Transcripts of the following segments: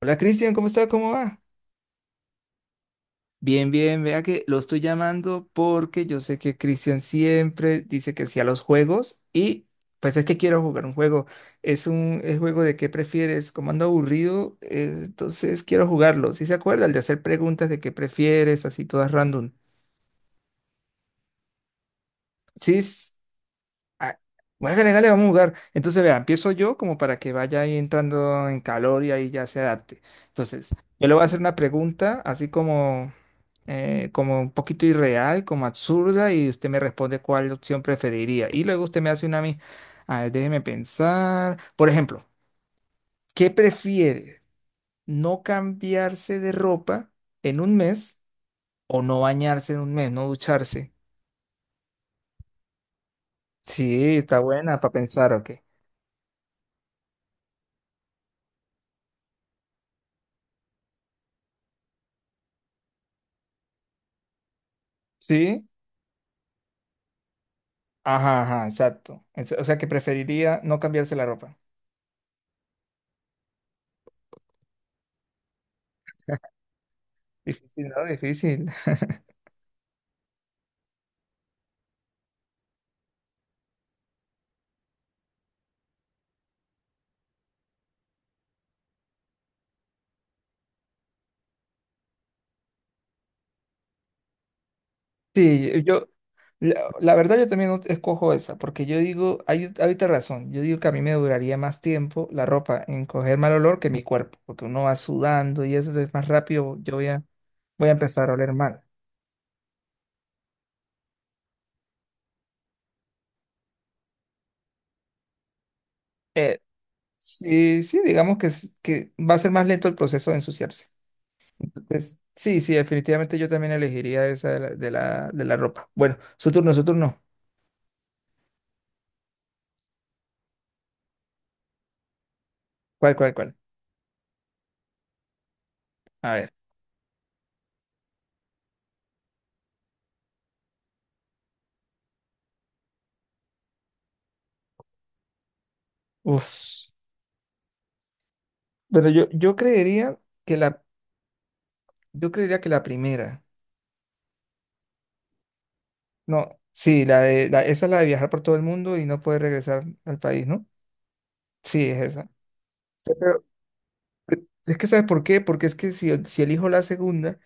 Hola Cristian, ¿cómo está? ¿Cómo va? Bien, bien, vea que lo estoy llamando porque yo sé que Cristian siempre dice que sí a los juegos y pues es que quiero jugar un juego. Es un es juego de qué prefieres, como ando aburrido, entonces quiero jugarlo. ¿Sí se acuerda? El de hacer preguntas de qué prefieres, así todas random. Sí. Ah, bueno, hágale, hágale, vamos a jugar. Entonces, vea, empiezo yo como para que vaya ahí entrando en calor y ahí ya se adapte. Entonces, yo le voy a hacer una pregunta así como, como un poquito irreal, como absurda, y usted me responde cuál opción preferiría. Y luego usted me hace una a mí. A ver, déjeme pensar. Por ejemplo, ¿qué prefiere? ¿No cambiarse de ropa en un mes o no bañarse en un mes, no ducharse? Sí, está buena para pensar, ¿ok? Sí. Ajá, ajá, exacto. O sea que preferiría no cambiarse la ropa. Difícil, ¿no? Difícil. Sí, la verdad yo también escojo esa, porque yo digo, hay otra razón, yo digo que a mí me duraría más tiempo la ropa en coger mal olor que mi cuerpo, porque uno va sudando y eso es más rápido, voy a empezar a oler mal. Eh, sí, sí, digamos que va a ser más lento el proceso de ensuciarse. Entonces, sí, sí, definitivamente yo también elegiría esa de la ropa. Bueno, su turno, su turno. ¿Cuál? A ver. Uf. Bueno, yo creería que la, yo creería que la primera. No, sí, la de, la, esa es la de viajar por todo el mundo y no poder regresar al país, ¿no? Sí, es esa. Sí. Pero, es que ¿sabes por qué? Porque es que si, si elijo la segunda,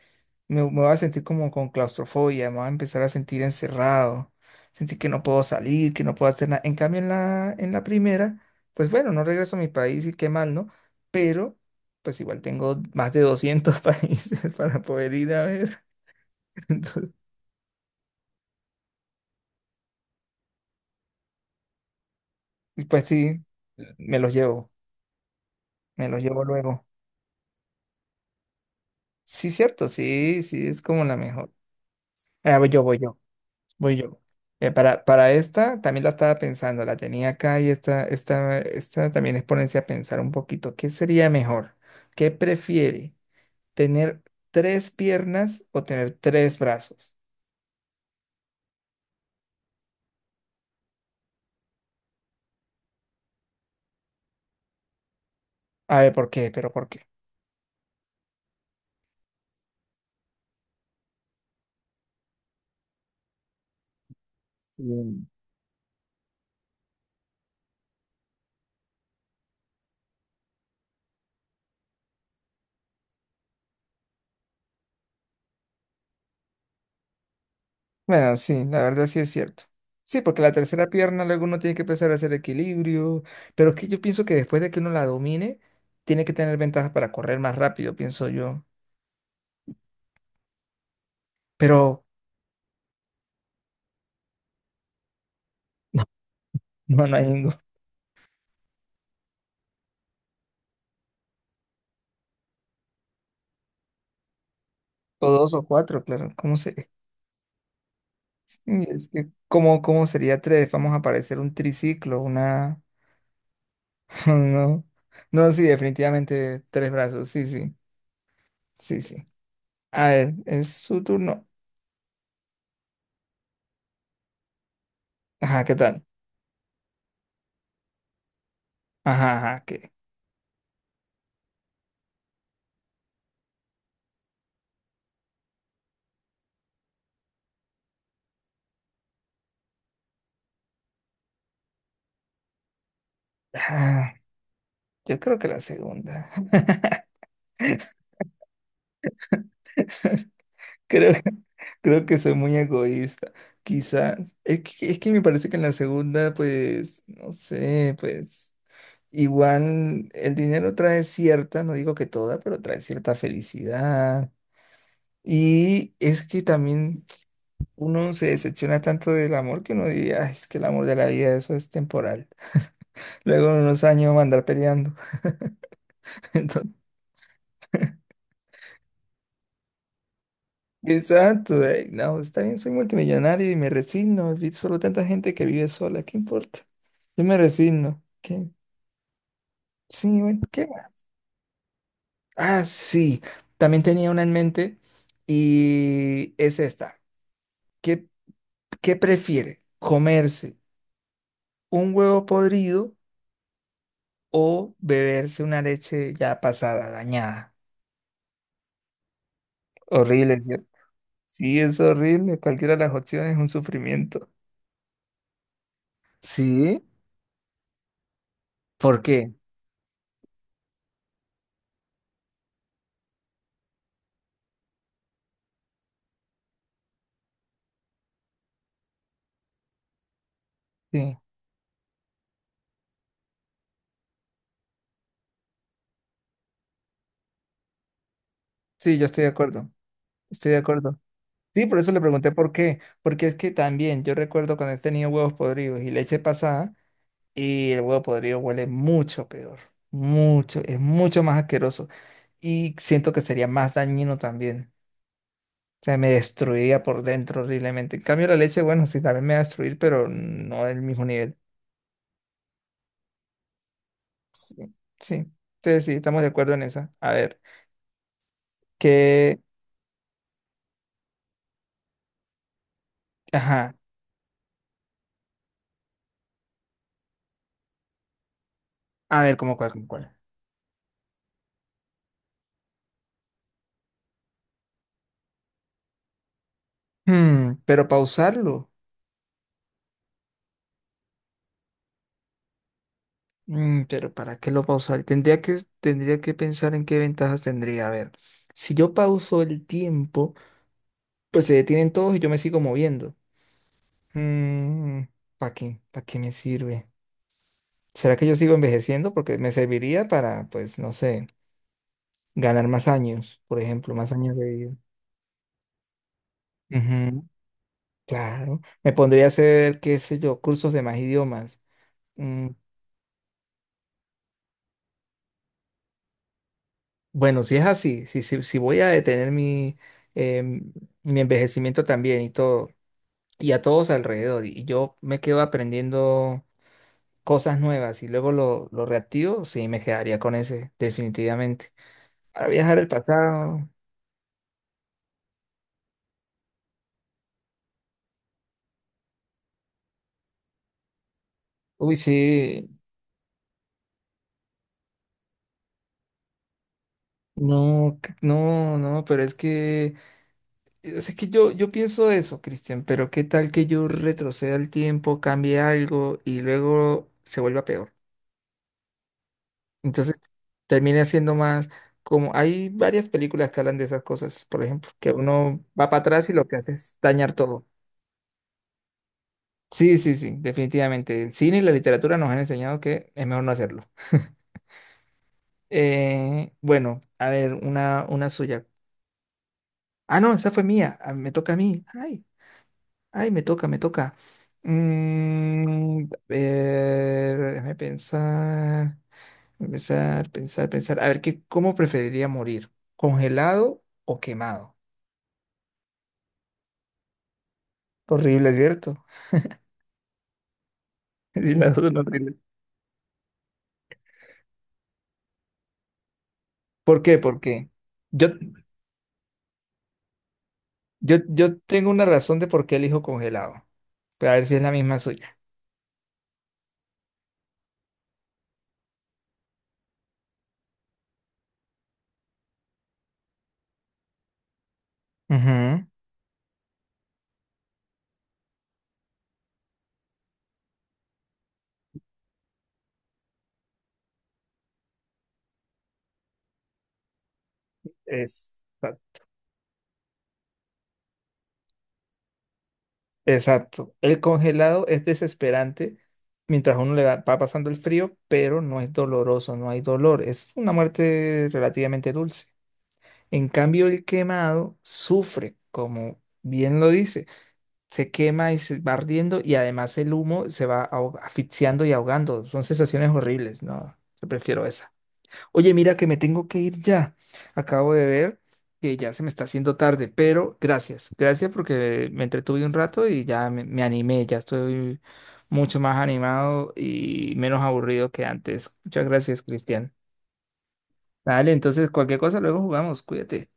me voy a sentir como con claustrofobia, me voy a empezar a sentir encerrado, sentir que no puedo salir, que no puedo hacer nada. En cambio, en la primera, pues bueno, no regreso a mi país y qué mal, ¿no? Pero pues igual tengo más de 200 países para poder ir a ver. Y pues sí, me los llevo, me los llevo luego. Sí, cierto, sí, sí, es como la mejor. Ah, voy yo, voy yo, voy yo. Para esta también la estaba pensando, la tenía acá y esta también es ponerse a pensar un poquito. ¿Qué sería mejor? ¿Qué prefiere? ¿Tener tres piernas o tener tres brazos? A ver, ¿por qué? ¿Pero por qué? Bueno, sí, la verdad sí es cierto. Sí, porque la tercera pierna luego uno tiene que empezar a hacer equilibrio, pero es que yo pienso que después de que uno la domine, tiene que tener ventajas para correr más rápido, pienso yo. Pero no, no hay ninguno. O dos o cuatro, claro. ¿Cómo se, es que, ¿cómo, cómo sería tres? Vamos a aparecer un triciclo, una... No, no, sí, definitivamente tres brazos, sí, sí, sí, sí. A ver, es su turno. Ajá, ¿qué tal? Ajá, ajá, ¿qué? Ah, yo creo que la segunda. creo, creo que soy muy egoísta. Quizás. Es que me parece que en la segunda, pues, no sé, pues, igual el dinero trae cierta, no digo que toda, pero trae cierta felicidad. Y es que también uno se decepciona tanto del amor que uno diría, "Ay, es que el amor de la vida, eso es temporal. Luego en unos años va a andar peleando. entonces Exacto. No, está bien, soy multimillonario y me resigno. Vi solo tanta gente que vive sola, ¿qué importa? Yo me resigno. ¿Qué? Sí, bueno, ¿qué más? Ah, sí, también tenía una en mente y es esta. ¿Qué, qué prefiere? ¿Comerse un huevo podrido o beberse una leche ya pasada, dañada? Horrible, ¿cierto? Sí, es horrible. Cualquiera de las opciones es un sufrimiento. Sí, ¿por qué? Sí, sí, yo estoy de acuerdo. Estoy de acuerdo. Sí, por eso le pregunté por qué. Porque es que también yo recuerdo cuando he tenido huevos podridos y leche pasada, y el huevo podrido huele mucho peor. Mucho, es mucho más asqueroso. Y siento que sería más dañino también. O sea, me destruiría por dentro horriblemente. En cambio, la leche, bueno, sí, también me va a destruir, pero no del mismo nivel. Sí, sí. Entonces, sí, estamos de acuerdo en esa. A ver, que. Ajá. A ver, ¿cómo cuál, cómo cuál? Hmm, pero pausarlo. Pero ¿para qué lo pausar? Tendría que pensar en qué ventajas tendría. A ver, si yo pauso el tiempo, pues se detienen todos y yo me sigo moviendo. ¿Para qué? ¿Para qué me sirve? ¿Será que yo sigo envejeciendo? Porque me serviría para, pues, no sé, ganar más años, por ejemplo, más años de vida. Ujú. Claro. Me pondría a hacer, qué sé yo, cursos de más idiomas. Mm, bueno, si es así, si voy a detener em, mi envejecimiento también y todo, y a todos alrededor. Y yo me quedo aprendiendo cosas nuevas y luego lo reactivo, sí, me quedaría con ese, definitivamente. A viajar al pasado. Uy, sí. No, no, pero es que yo pienso eso, Cristian, pero qué tal que yo retroceda el tiempo, cambie algo y luego se vuelva peor. Entonces termine haciendo más, como hay varias películas que hablan de esas cosas, por ejemplo, que uno va para atrás y lo que hace es dañar todo. Sí, sí, sí, definitivamente. El cine y la literatura nos han enseñado que es mejor no hacerlo. Bueno, a ver, una suya. Ah, no, esa fue mía. Ah, me toca a mí. Ay, ay, me toca, me toca. A ver, déjame pensar, pensar, pensar, pensar. A ver, ¿qué, cómo preferiría morir? ¿Congelado o quemado? Horrible, ¿cierto? Sí, las dos son horribles. ¿Por qué? ¿Por qué? Yo, yo tengo una razón de por qué elijo congelado. A ver si es la misma suya. Ujú. Es- exacto. El congelado es desesperante mientras uno le va pasando el frío, pero no es doloroso, no hay dolor. Es una muerte relativamente dulce. En cambio, el quemado sufre, como bien lo dice. Se quema y se va ardiendo y además el humo se va ahog- asfixiando y ahogando. Son sensaciones horribles, ¿no? Yo prefiero esa. Oye, mira que me tengo que ir ya. Acabo de ver que ya se me está haciendo tarde, pero gracias. Gracias porque me entretuve un rato y ya me animé, ya estoy mucho más animado y menos aburrido que antes. Muchas gracias, Cristian. Dale, entonces cualquier cosa luego jugamos, cuídate.